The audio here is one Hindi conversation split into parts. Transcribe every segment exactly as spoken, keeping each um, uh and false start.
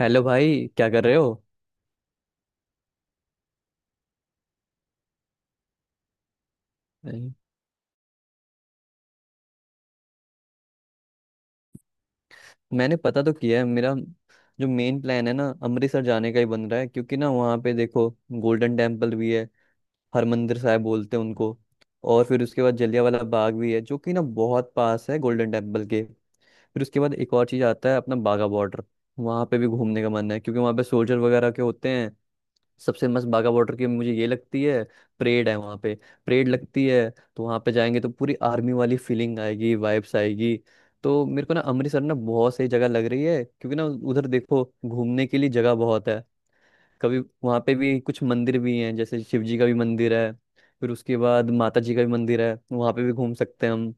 हेलो भाई, क्या कर रहे हो? नहीं। मैंने पता तो किया है। मेरा जो मेन प्लान है ना, अमृतसर जाने का ही बन रहा है, क्योंकि ना वहाँ पे देखो, गोल्डन टेम्पल भी है। हरमंदिर साहिब बोलते हैं उनको। और फिर उसके बाद जलियांवाला बाग भी है, जो कि ना बहुत पास है गोल्डन टेम्पल के। फिर उसके बाद एक और चीज़ आता है, अपना बाघा बॉर्डर। वहाँ पे भी घूमने का मन है, क्योंकि वहाँ पे सोल्जर वगैरह के होते हैं। सबसे मस्त बाघा बॉर्डर की मुझे ये लगती है, परेड है वहाँ पे, परेड लगती है। तो वहाँ पे जाएंगे तो पूरी आर्मी वाली फीलिंग आएगी, वाइब्स आएगी। तो मेरे को ना अमृतसर ना बहुत सही जगह लग रही है, क्योंकि ना उधर देखो, घूमने के लिए जगह बहुत है। कभी वहाँ पे भी कुछ मंदिर भी हैं, जैसे शिव जी का भी मंदिर है। फिर उसके बाद माता जी का भी मंदिर है, वहाँ पे भी घूम सकते हैं हम।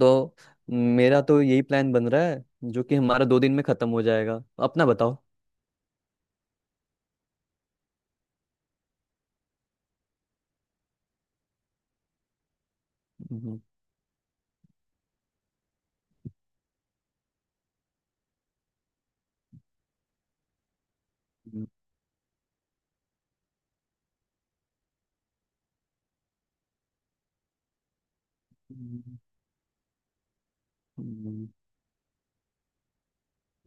तो मेरा तो यही प्लान बन रहा है, जो कि हमारा दो दिन में खत्म हो जाएगा। अपना बताओ। हम्म। हम्म। हम्म। हम्म।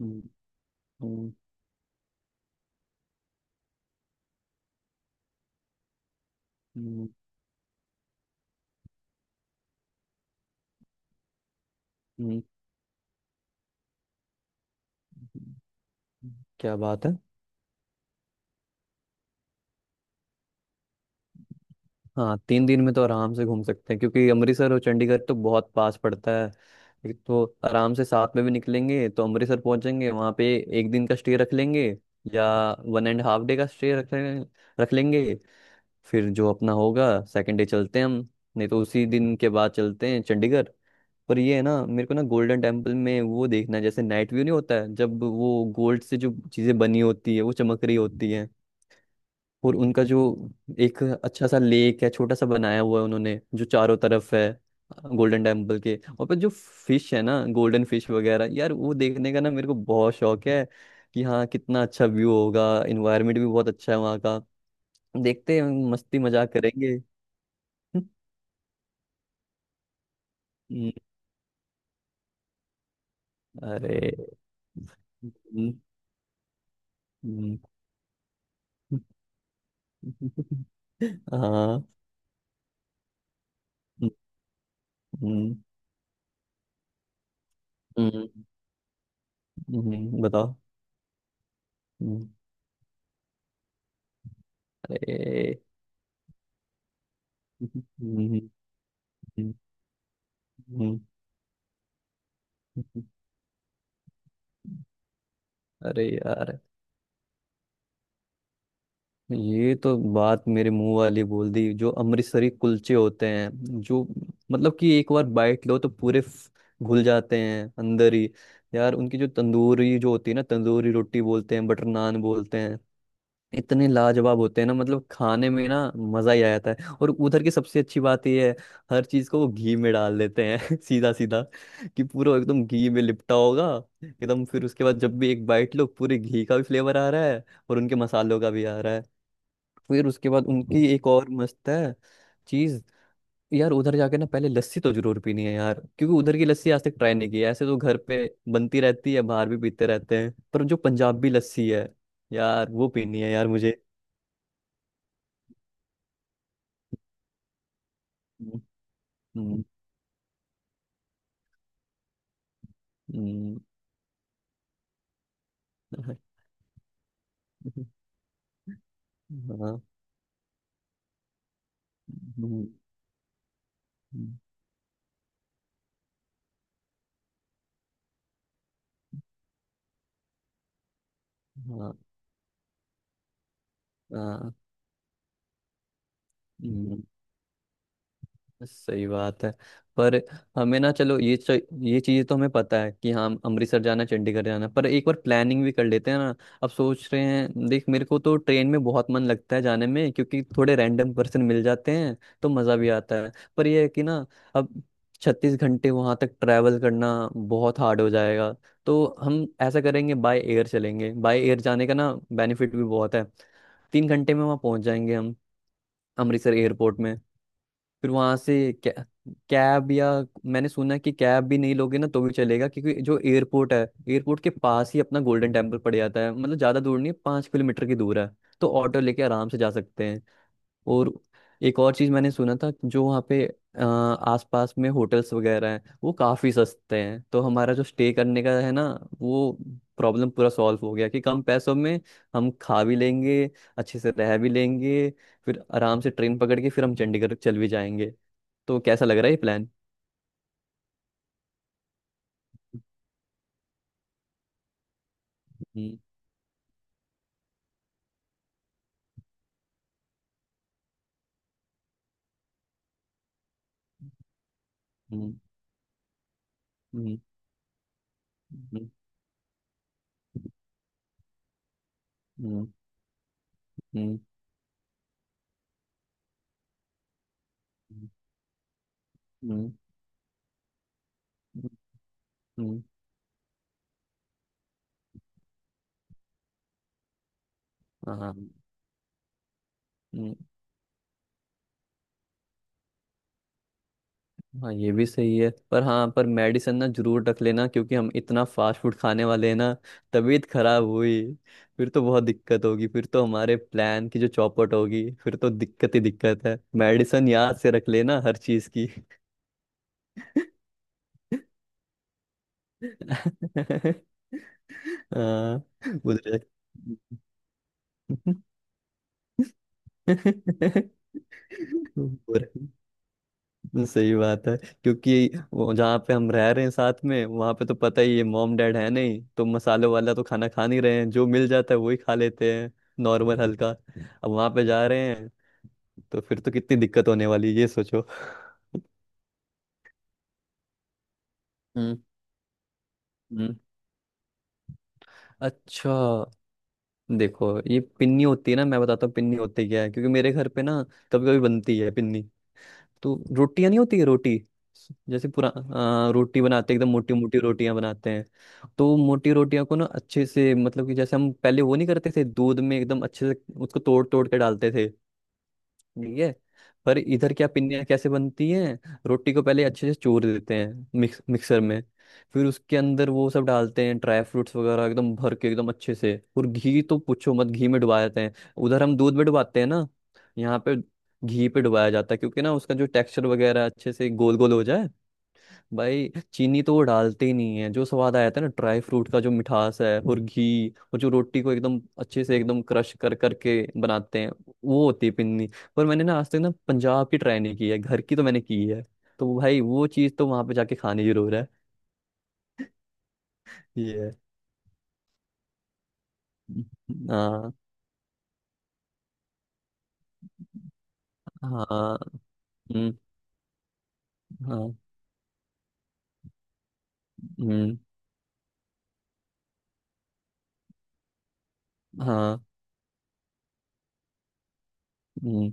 हम्म। हम्म। हम्म। हम्म। हम्म। क्या बात है। हाँ, तीन दिन में तो आराम से घूम सकते हैं, क्योंकि अमृतसर और चंडीगढ़ तो बहुत पास पड़ता है। एक तो आराम से साथ में भी निकलेंगे, तो अमृतसर पहुंचेंगे। वहां पे एक दिन का स्टे रख लेंगे, या वन एंड हाफ डे का स्टे रख लें- रख लेंगे। फिर जो अपना होगा, सेकंड डे चलते हैं हम। नहीं तो उसी दिन के बाद चलते हैं चंडीगढ़। पर ये है ना, मेरे को ना गोल्डन टेम्पल में वो देखना है, जैसे नाइट व्यू नहीं होता है, जब वो गोल्ड से जो चीजें बनी होती है वो चमक रही होती है। और उनका जो एक अच्छा सा लेक है, छोटा सा बनाया हुआ है उन्होंने, जो चारों तरफ है गोल्डन टेम्पल के। और पर जो फिश है ना, गोल्डन फिश वगैरह, यार वो देखने का ना मेरे को बहुत शौक है, कि हाँ कितना अच्छा व्यू होगा। इन्वायरमेंट भी बहुत अच्छा है वहाँ का। देखते हैं, मस्ती मजाक करेंगे। हम्म। अरे। हम्म। हम्म। हाँ। हम्म। हम्म। हम्म, बताओ। हम्म। अरे। हम्म। हम्म। हम्म। हम्म। अरे यार, ये तो बात मेरे मुंह वाली बोल दी। जो अमृतसरी कुलचे होते हैं, जो, मतलब कि एक बार बाइट लो तो पूरे फ- घुल जाते हैं अंदर ही। यार उनकी जो तंदूरी जो होती है ना, तंदूरी रोटी बोलते हैं, बटर नान बोलते हैं, इतने लाजवाब होते हैं ना, मतलब खाने में ना मजा ही आ जाता है। और उधर की सबसे अच्छी बात ये है, हर चीज को वो घी में डाल देते हैं। सीधा सीधा कि पूरा एकदम घी में लिपटा होगा एकदम। फिर उसके बाद जब भी एक बाइट लो, पूरे घी का भी फ्लेवर आ रहा है और उनके मसालों का भी आ रहा है। फिर उसके बाद उनकी एक और मस्त है चीज। यार उधर जाके ना पहले लस्सी तो जरूर पीनी है यार, क्योंकि उधर की लस्सी आज तक ट्राई नहीं की है। ऐसे तो घर पे बनती रहती है, बाहर भी पीते रहते हैं, पर जो पंजाबी लस्सी है यार, वो पीनी है यार मुझे। हम्म। हम्म। हाँ। हम्म। हाँ, हाँ। हाँ। हम्म। सही बात है। पर हमें ना, चलो ये च, ये चीज़ तो हमें पता है कि हाँ, अमृतसर जाना, चंडीगढ़ जाना। पर एक बार प्लानिंग भी कर लेते हैं ना। अब सोच रहे हैं, देख मेरे को तो ट्रेन में बहुत मन लगता है जाने में, क्योंकि थोड़े रैंडम पर्सन मिल जाते हैं तो मज़ा भी आता है। पर यह है कि ना, अब छत्तीस घंटे वहाँ तक ट्रैवल करना बहुत हार्ड हो जाएगा। तो हम ऐसा करेंगे, बाय एयर चलेंगे। बाय एयर जाने का ना बेनिफिट भी बहुत है, तीन घंटे में वहाँ पहुँच जाएंगे हम, अमृतसर एयरपोर्ट में। फिर वहां से कै, कैब, या मैंने सुना है कि कैब भी नहीं लोगे ना तो भी चलेगा, क्योंकि जो एयरपोर्ट है, एयरपोर्ट के पास ही अपना गोल्डन टेम्पल पड़ जाता है, मतलब ज्यादा दूर नहीं है, पाँच किलोमीटर की दूर है। तो ऑटो लेके आराम से जा सकते हैं। और एक और चीज मैंने सुना था, जो वहाँ पे अ, आसपास में होटल्स वगैरह हैं वो काफी सस्ते हैं। तो हमारा जो स्टे करने का है ना, वो प्रॉब्लम पूरा सॉल्व हो गया, कि कम पैसों में हम खा भी लेंगे, अच्छे से रह भी लेंगे। फिर आराम से ट्रेन पकड़ के फिर हम चंडीगढ़ चल भी जाएंगे। तो कैसा लग रहा है ये प्लान? हम्म। हम्म। हम्म। हम्म। हम्म। हम्म। हम्म। हम्म। हाँ। हम्म। हाँ, ये भी सही है। पर हाँ, पर मेडिसिन ना जरूर रख लेना, क्योंकि हम इतना फास्ट फूड खाने वाले हैं ना, तबीयत खराब हुई फिर तो बहुत दिक्कत होगी, फिर तो हमारे प्लान की जो चौपट होगी, फिर तो दिक्कत ही दिक्कत है। मेडिसिन याद से रख लेना हर चीज की। हाँ। बुध पूरा- तो सही बात है। क्योंकि वो जहाँ पे हम रह रहे हैं साथ में वहां पे, तो पता ही है मॉम डैड है नहीं, तो मसालों वाला तो खाना खा नहीं रहे हैं। जो मिल जाता है वही खा लेते हैं, नॉर्मल हल्का। अब वहां पे जा रहे हैं तो फिर तो कितनी दिक्कत होने वाली है, ये सोचो। हम्म। हम्म। अच्छा, देखो ये पिन्नी होती है ना, मैं बताता हूँ पिन्नी होती क्या है। क्योंकि मेरे घर पे ना कभी कभी बनती है पिन्नी। तो रोटियां नहीं होती है, रोटी जैसे पूरा आ, रोटी बनाते हैं, एकदम मोटी मोटी रोटियां बनाते हैं। तो मोटी रोटियां को ना अच्छे से, मतलब कि जैसे हम पहले वो नहीं करते थे, दूध में एकदम अच्छे से उसको तोड़ तोड़ के डालते थे, ठीक है? पर इधर क्या, पिन्नियाँ कैसे बनती हैं, रोटी को पहले अच्छे से चूर देते हैं मिक्स मिक्सर में। फिर उसके अंदर वो सब डालते हैं, ड्राई फ्रूट्स वगैरह एकदम भर के एकदम अच्छे से। और घी तो पूछो मत, घी में डुबा देते हैं। उधर हम दूध में डुबाते हैं ना यहाँ पे, घी पे डुबाया जाता है, क्योंकि ना उसका जो टेक्सचर वगैरह अच्छे से गोल गोल हो जाए भाई। चीनी तो वो डालते ही नहीं है, जो स्वाद आया था ना ड्राई फ्रूट का जो मिठास है, और घी, और जो रोटी को एकदम अच्छे से एकदम क्रश कर करके बनाते हैं, वो होती है पिन्नी। पर मैंने ना आज तक ना पंजाब की ट्राई नहीं की है, घर की तो मैंने की है। तो भाई वो चीज़ तो वहां पे जाके खानी जरूर है। ये है। हाँ। हाँ। हम्म। हाँ। हम्म। हाँ। हम्म।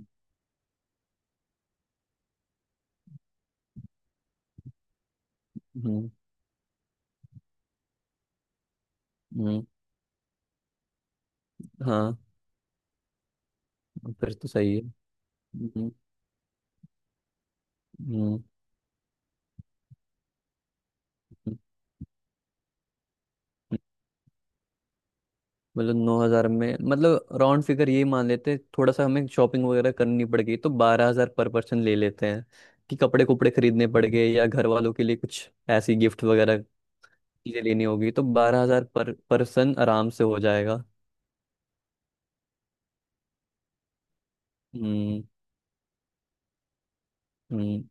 हम्म। हम्म। हाँ, फिर तो सही है। हम्म। हम्म। हम्म। मतलब नौ हजार में, मतलब राउंड फिगर ये मान लेते हैं। थोड़ा सा हमें शॉपिंग वगैरह करनी पड़ गई तो बारह हजार पर पर्सन ले लेते हैं, कि कपड़े कुपड़े खरीदने पड़ गए, या घर वालों के लिए कुछ ऐसी गिफ्ट वगैरह चीजें लेनी होगी, तो बारह हजार पर पर्सन आराम से हो जाएगा। हम्म। हम्म।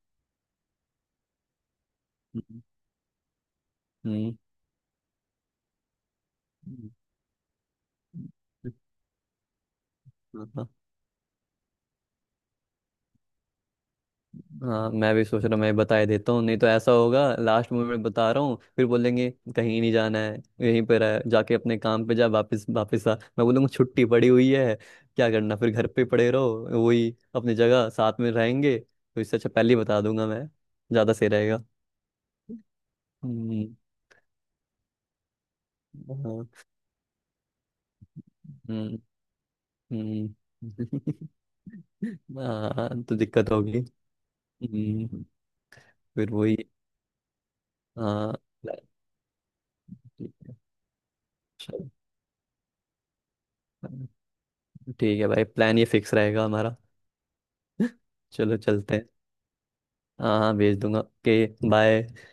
हम्म। हम्म। हम्म। हाँ। हाँ। हाँ, मैं भी सोच रहा हूँ, मैं बता ही देता हूँ। नहीं तो ऐसा होगा, लास्ट मोमेंट बता रहा हूँ फिर बोलेंगे कहीं नहीं जाना है, यहीं पर है, जाके अपने काम पे जा, वापस वापस आ। मैं बोलूँगा छुट्टी पड़ी हुई है, क्या करना फिर घर पे पड़े रहो, वही अपनी जगह साथ में रहेंगे। तो इससे अच्छा पहले ही बता दूंगा मैं, ज़्यादा सही रहेगा। हम्म। हाँ। हम्म। हम्म। हाँ, तो दिक्कत होगी। हम्म। फिर वही। हाँ। ठीक है। चलो। ठीक है भाई, प्लान ये फिक्स रहेगा हमारा। चलो चलते हैं। हाँ हाँ, भेज दूंगा। Okay bye.